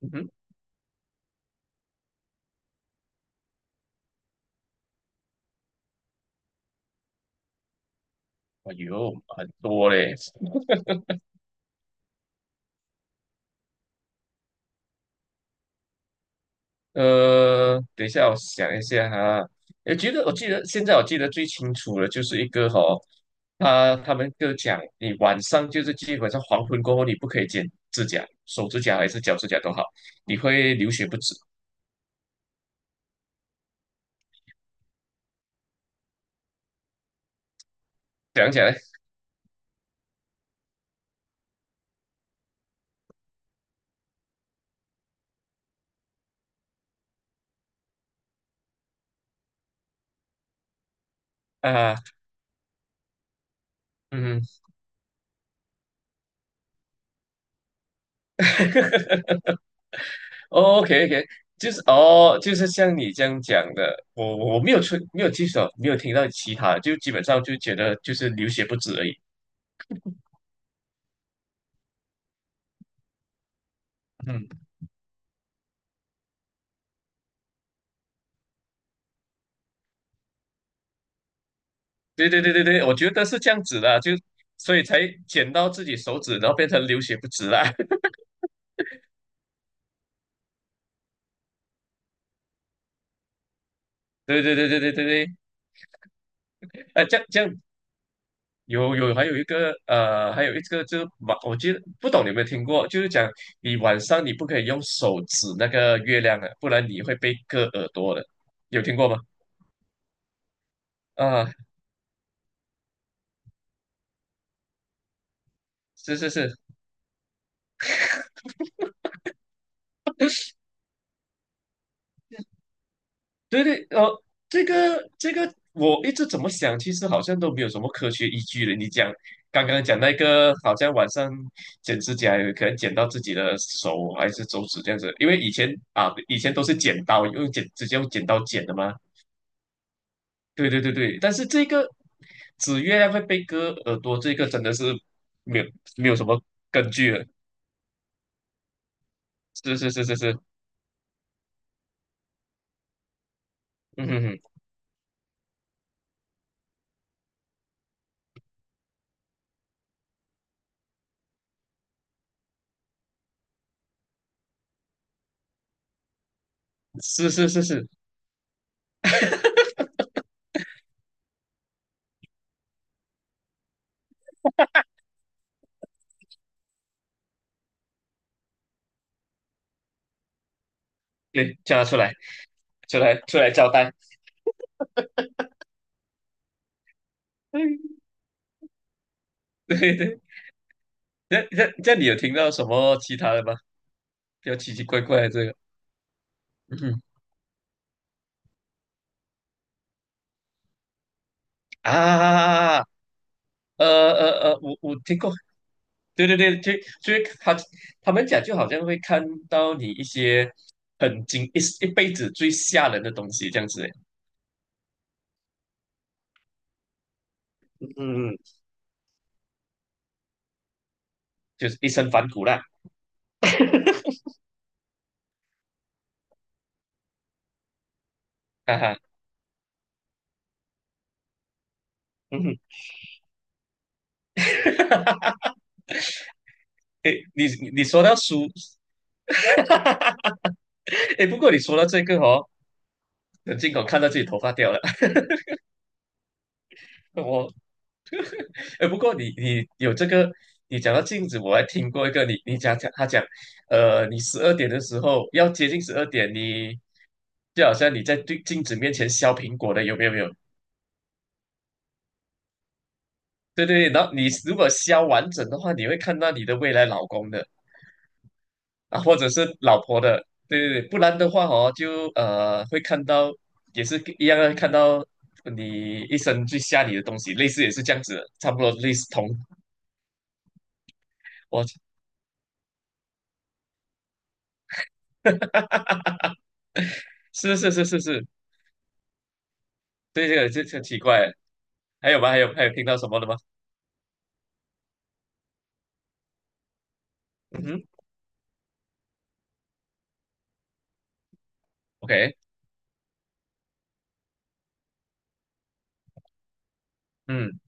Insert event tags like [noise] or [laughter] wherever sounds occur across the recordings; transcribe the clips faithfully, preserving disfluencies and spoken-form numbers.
嗯哼，哎呦，很多嘞。呃，等一下，我想一下哈。我觉得，我记得现在我记得最清楚的就是一个哈、他他们就讲，你晚上就是基本上黄昏过后，你不可以剪指甲，手指甲还是脚指甲都好，你会流血不止。讲起来啊，嗯 [laughs]，OK OK，就是哦，就是像你这样讲的，我我我没有出没有记手，没有听到其他的，就基本上就觉得就是流血不止而已。嗯。对对对对对，我觉得是这样子的，就所以才剪到自己手指，然后变成流血不止啦。[laughs] 对对对对对对对，呃，这样这样有有还有一个呃，还有一个就是晚，我记得不懂你有没有听过，就是讲你晚上你不可以用手指那个月亮的，不然你会被割耳朵的，有听过吗？啊，是是是，对对，哦，这个这个，我一直怎么想，其实好像都没有什么科学依据的。你讲刚刚讲那个，好像晚上剪指甲，有可能剪到自己的手还是手指这样子，因为以前啊，以前都是剪刀，用剪直接用剪刀剪的嘛。对对对对，但是这个指月亮会被割耳朵，这个真的是没有没有什么根据了。是是是是是，嗯哼哼，是是是是，对，叫他出来，出来出来交代。[laughs] 嗯，对对。那那那你有听到什么其他的吗？比较奇奇怪怪的这个，嗯哼啊，呃呃呃，我我听过，对对对，就就是他他们讲就好像会看到你一些很惊一一辈子最吓人的东西这样子，嗯，嗯，就是一身反骨啦 [laughs]，哈哈，嗯哼，[laughs] 诶，你你你说到书，诶，不过你说到这个哦，很惊恐，看到自己头发掉了，[laughs] 我哎，不过你你有这个，你讲到镜子，我还听过一个，你你讲讲他讲，呃，你十二点的时候要接近十二点，你就好像你在对镜子面前削苹果的，有没有？没有？对对对，然后你如果削完整的话，你会看到你的未来老公的啊，或者是老婆的，对对对，不然的话哦，就呃会看到也是一样的，看到你一生最下你的东西，类似也是这样子的差不多类似同，我是是是是是，对这个这很奇怪。还有吗？还有还有听到什么的吗？嗯哼，OK，嗯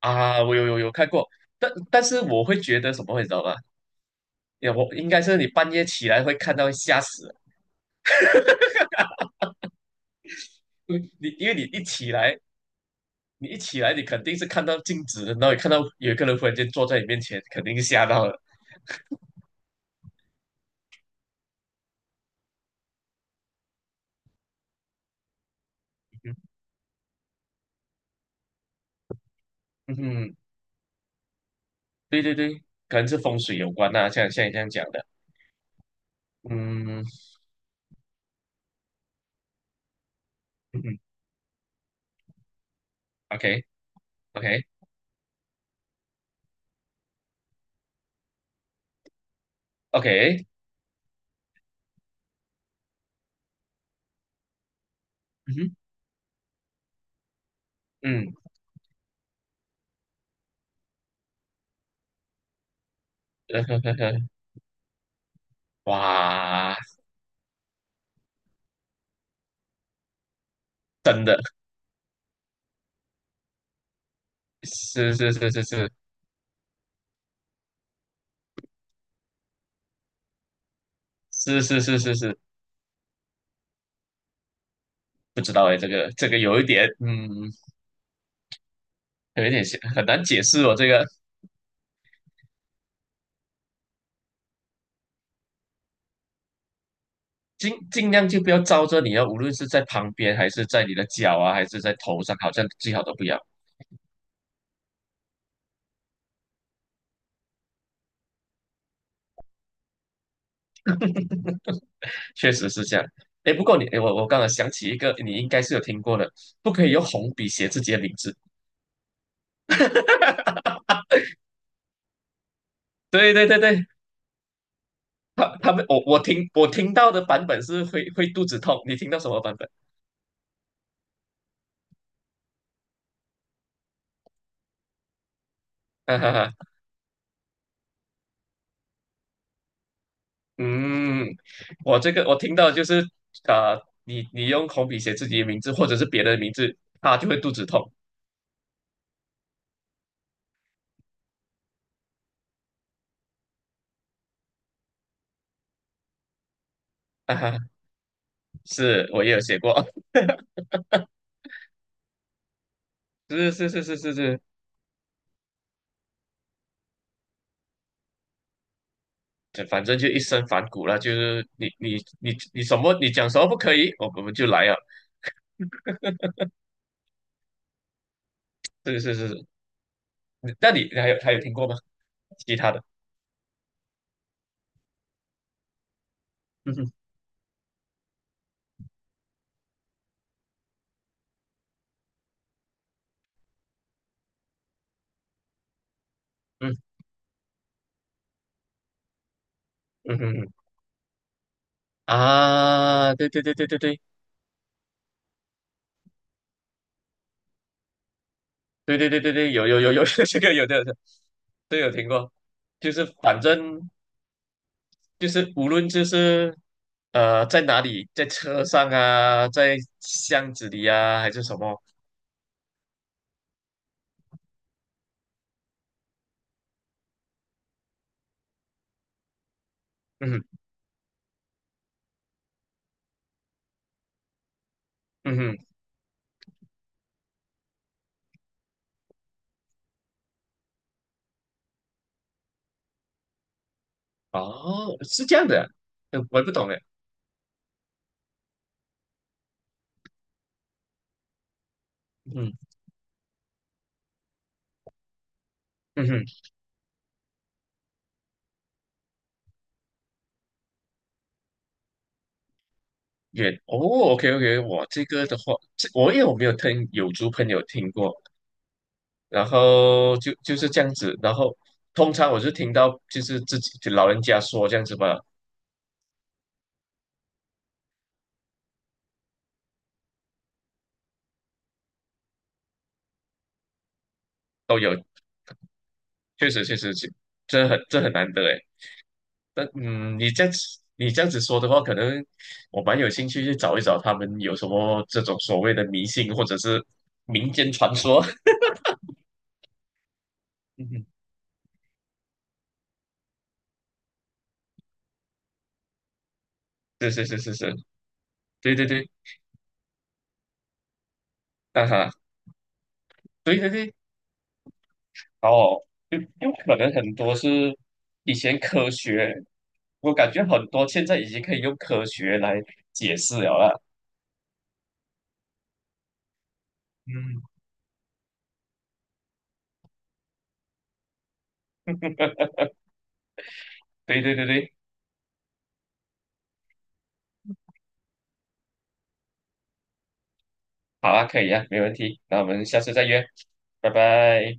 啊，我有有有看过，但但是我会觉得什么，你知道吗？呀，我应该是你半夜起来会看到吓死，因为你因为你一起来，你一起来，你肯定是看到镜子，然后你看到有一个人忽然间坐在你面前，肯定是吓到了。嗯哼，嗯哼对对对，可能是风水有关呐、像像你这样讲的。嗯嗯哼，OK OK OK，嗯哼嗯，[laughs] 哇，真的是是是是是。是是是是是，不知道哎，这个这个有一点，嗯，有一点像很难解释哦。这个尽尽量就不要招着你啊，无论是在旁边，还是在你的脚啊，还是在头上，好像最好都不要。确实是这样。哎，不过你，诶我我刚才想起一个，你应该是有听过的，不可以用红笔写自己的名字。[laughs] 对对对对，他他们我我听我听到的版本是会会肚子痛，你听到什么版本？[laughs] 嗯，我这个我听到就是啊、你你用红笔写自己的名字或者是别人的名字，他就会肚子痛啊。是我也有写过，[laughs] 是是是是是是，这反正就一身反骨了。就是你你你你什么你讲什么不可以，我我们就来啊。是是是是，那你还有还有听过吗？其他的，嗯哼嗯嗯哼嗯啊，对对对对对对对对对对对，有有有有 [laughs] 这个有的，这个有听过，就是反正。就是无论就是呃在哪里，在车上啊，在巷子里啊，还是什么，嗯哼嗯哼，哦，是这样的啊，呃我也不懂哎，嗯嗯哼，远哦，OK OK，我这个的话，这我因为我没有听有族朋友听过，然后就就是这样子，然后通常我是听到就是自己就老人家说这样子吧，都有，确实确实，这这很这很难得哎。但嗯，你这样子你这样子说的话，可能我蛮有兴趣去找一找他们有什么这种所谓的迷信或者是民间传说。[laughs] 嗯哼，是是是是是，对对对，啊哈，对对对，哦，就有可能很多是以前科学，我感觉很多现在已经可以用科学来解释了啦。嗯，对对对对，好啊，可以啊，没问题，那我们下次再约，拜拜。